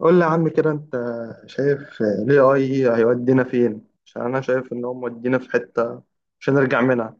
قول لي يا عم كده انت شايف ال AI هيودينا فين؟ عشان انا شايف ان هو مودينا في حتة مش هنرجع منها.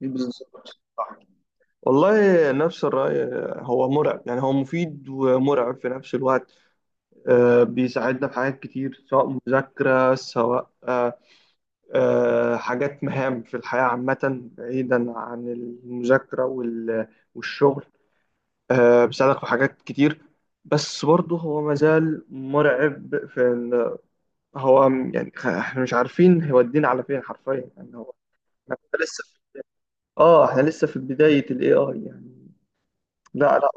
بالظبط، صح. والله نفس الرأي. هو مرعب، يعني هو مفيد ومرعب في نفس الوقت. بيساعدنا في حاجات كتير سواء مذاكرة سواء حاجات مهام في الحياة عامة بعيدا عن المذاكرة والشغل. بيساعدك في حاجات كتير. بس برضه هو مازال مرعب في هو م- يعني خ- احنا مش عارفين هيودينا على فين حرفيا، يعني هو. احنا كنا لسه في اه احنا لسه في بداية الاي اي يعني. لا لا.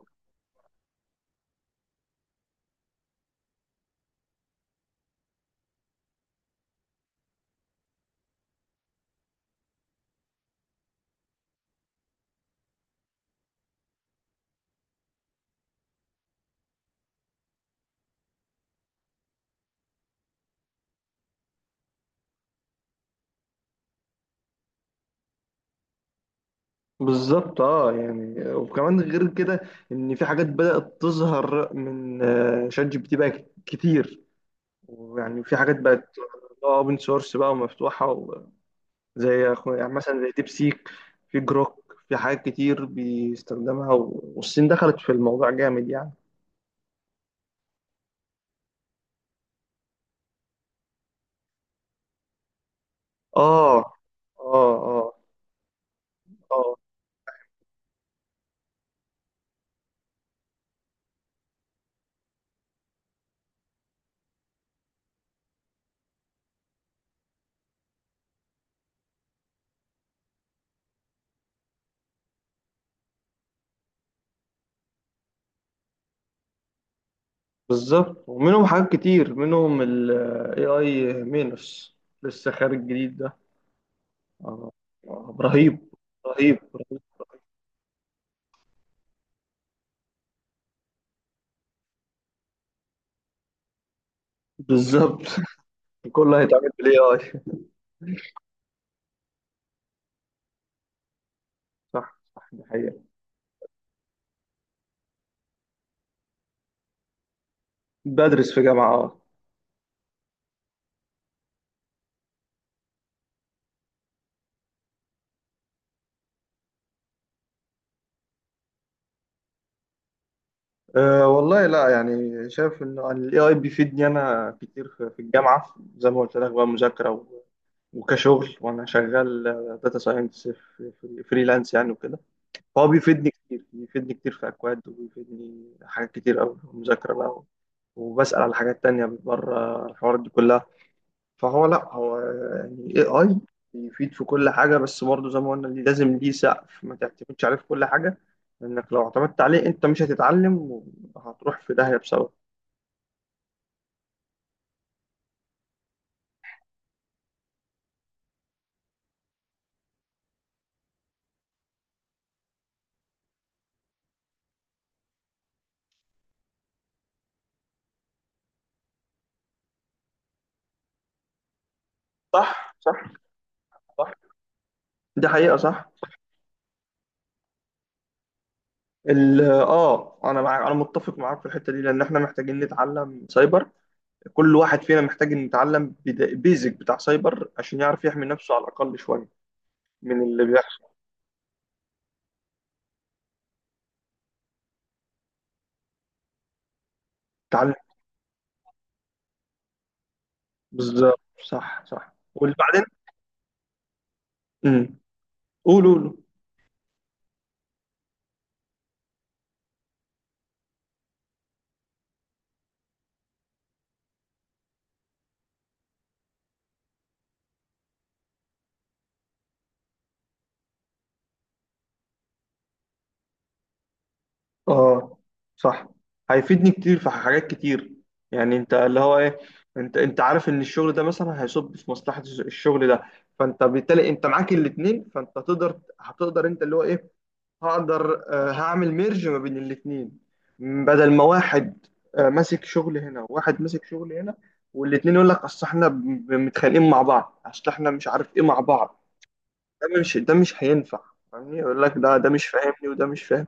بالظبط، يعني وكمان غير كده ان في حاجات بدأت تظهر من شات جي بي تي بقى كتير. ويعني في حاجات بقت اوبن سورس بقى ومفتوحة يعني مثلا زي ديب سيك. في جروك، في حاجات كتير بيستخدمها والصين دخلت في الموضوع جامد يعني. اه اه اه اه. بالظبط، ومنهم حاجات كتير منهم ال AI مينوس لسه خارج جديد ده. آه، آه، رهيب، رهيب رهيب. بالظبط كله هيتعمل بال AI. صح صح، دي حقيقة. بدرس في جامعة اه والله لا، يعني شايف انه ال AI بيفيدني انا كتير في الجامعة زي ما قلت لك بقى مذاكرة وكشغل، وانا شغال داتا ساينس في فريلانس يعني وكده. هو بيفيدني كتير، بيفيدني كتير في أكواد، وبيفيدني حاجات كتير أوي مذاكرة بقى، وبسأل على حاجات تانية بره الحوارات دي كلها. فهو، لأ، هو يعني AI بيفيد في كل حاجة، بس برضه زي ما قلنا لازم ليه سقف، ما تعتمدش عليه في كل حاجة. لأنك لو اعتمدت عليه أنت مش هتتعلم، وهتروح في داهية بسببه. صح صح صح، دي حقيقة، صح. انا معاك، انا متفق معاك في الحته دي، لان احنا محتاجين نتعلم سايبر. كل واحد فينا محتاج إن يتعلم بيزك بتاع سايبر عشان يعرف يحمي نفسه على الأقل شوية من اللي بيحصل. يتعلم. بالظبط. صح صح، وبعدين امم قول قول. اه، صح. هيفيدني كتير في حاجات كتير، يعني انت اللي هو ايه، انت عارف ان الشغل ده مثلا هيصب في مصلحة الشغل ده، فانت بالتالي انت معاك الاتنين، فانت هتقدر انت اللي هو ايه، هقدر هعمل ميرج ما بين الاتنين، بدل ما واحد ماسك شغل هنا وواحد ماسك شغل هنا، والاتنين يقول لك اصل احنا متخانقين مع بعض، اصل احنا مش عارف ايه مع بعض. ده مش هينفع. فاهمني، يقول لك ده مش فاهمني، وده مش فاهم.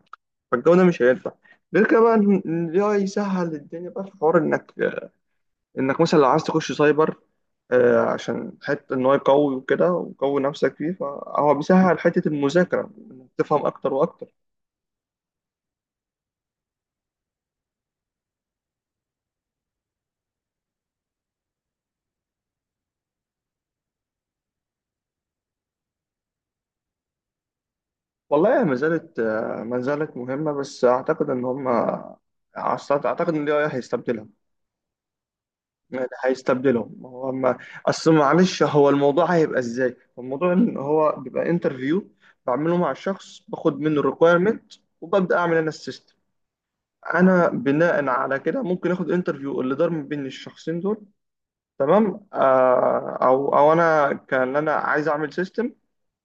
فالجو ده مش هينفع. غير كده بقى إن ال AI يسهل الدنيا بقى في حوار انك انك مثلا لو عايز تخش سايبر، عشان حتة إن هو يقوي وكده، وقوي نفسك فيه، فهو بيسهل حتة المذاكرة إنك تفهم أكتر وأكتر. والله ما زالت مهمة، بس أعتقد إن ال AI هيستبدلها، يعني هيستبدلهم. هو ما أصل، معلش، هو الموضوع هيبقى إزاي؟ الموضوع إن هو بيبقى انترفيو بعمله مع الشخص، باخد منه الريكويرمنت وببدأ أعمل أنا السيستم. أنا بناء على كده ممكن آخد انترفيو اللي دار ما بين الشخصين دول، تمام. أو أنا عايز أعمل سيستم،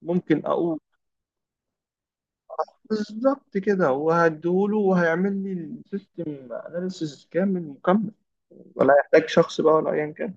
ممكن أقول بالظبط كده وهديهوله، وهيعمل لي السيستم اناليسيس كامل مكمل، ولا يحتاج شخص بقى، ولا ايا كان.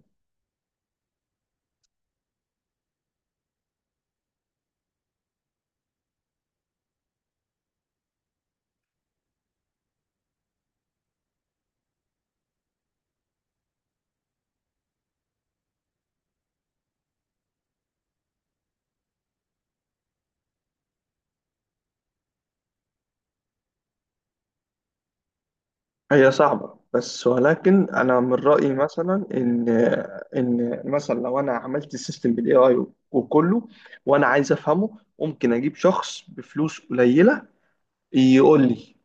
هي صعبة، بس ولكن انا من رأيي مثلا ان مثلا لو انا عملت السيستم بالاي اي وكله، وانا عايز افهمه، ممكن اجيب شخص بفلوس قليلة يقول لي،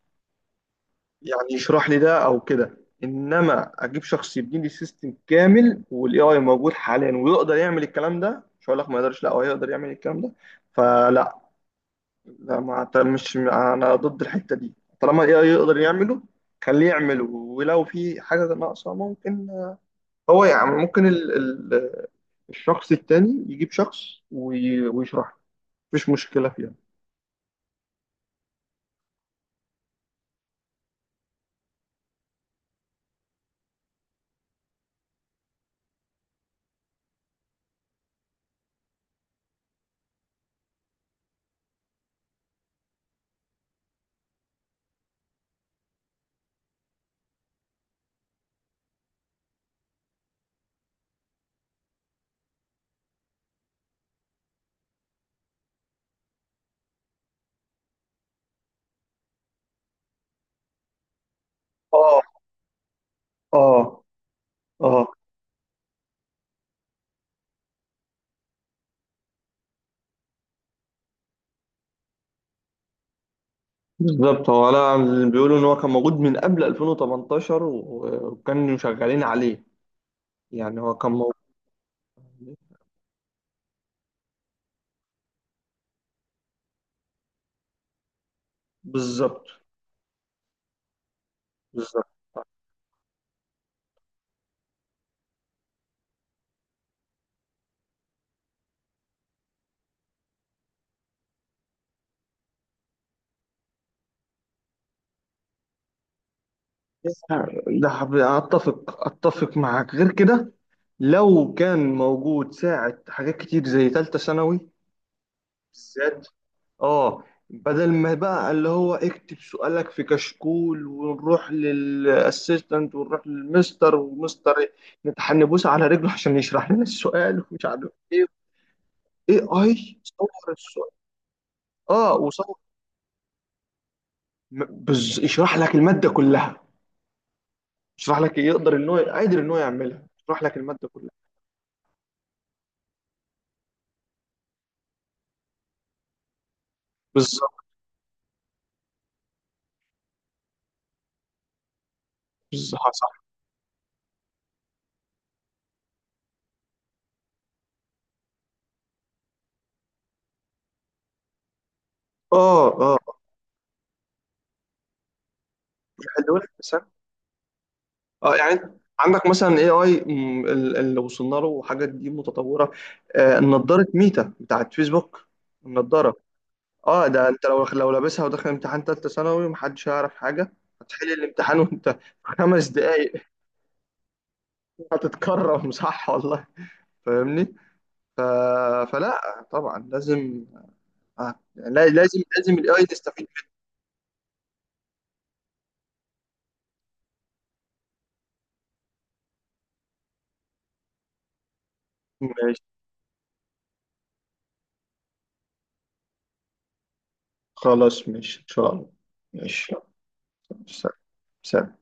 يعني يشرح لي ده او كده. انما اجيب شخص يبني لي سيستم كامل، والاي اي موجود حاليا ويقدر يعمل الكلام ده، مش هقول لك ما يقدرش، لا هو يقدر يعمل الكلام ده. فلا، لا ما أعت- مش انا ضد الحته دي. طالما الاي اي يقدر يعمله خليه يعمله، ولو في حاجه ناقصه ممكن هو، يعني ممكن ال ال الشخص التاني يجيب شخص ويشرح له، مفيش مشكله فيها. اه اه اه، بالظبط. هو انا بيقولوا ان هو كان موجود من قبل 2018 وكانوا شغالين عليه، يعني هو كان موجود. بالظبط بالظبط. اتفق معاك. غير كده، لو كان موجود ساعة حاجات كتير زي تالتة ثانوي بالذات، اه، بدل ما بقى اللي هو اكتب سؤالك في كشكول، ونروح للاسيستنت، ونروح للمستر، ومستر إيه، نتحنبوس على رجله عشان يشرح لنا السؤال ومش عارف ايه، اي اي صور الصور. اه، وصور. يشرح لك الماده كلها. يشرح لك يقدر ان هو قادر ان هو يعملها، يشرح لك الماده كلها. بالظبط، بالظبط صح. اه اه. يحلوا لك مثلا. اه، يعني أنت عندك مثلا اي اي اللي وصلنا له، حاجات دي متطوره. نظاره ميتا بتاعت فيسبوك، النظاره. اه، ده انت لو لابسها وداخل امتحان ثالثه ثانوي، محدش هيعرف حاجه. هتحل الامتحان وانت في 5 دقايق. هتتكرم، صح والله. فاهمني. ف... فلا طبعا لازم. آه. لا، لازم لازم الاي تستفيد منه. ماشي. خلاص ماشي، ان شاء الله. ماشي. سلام. سلام.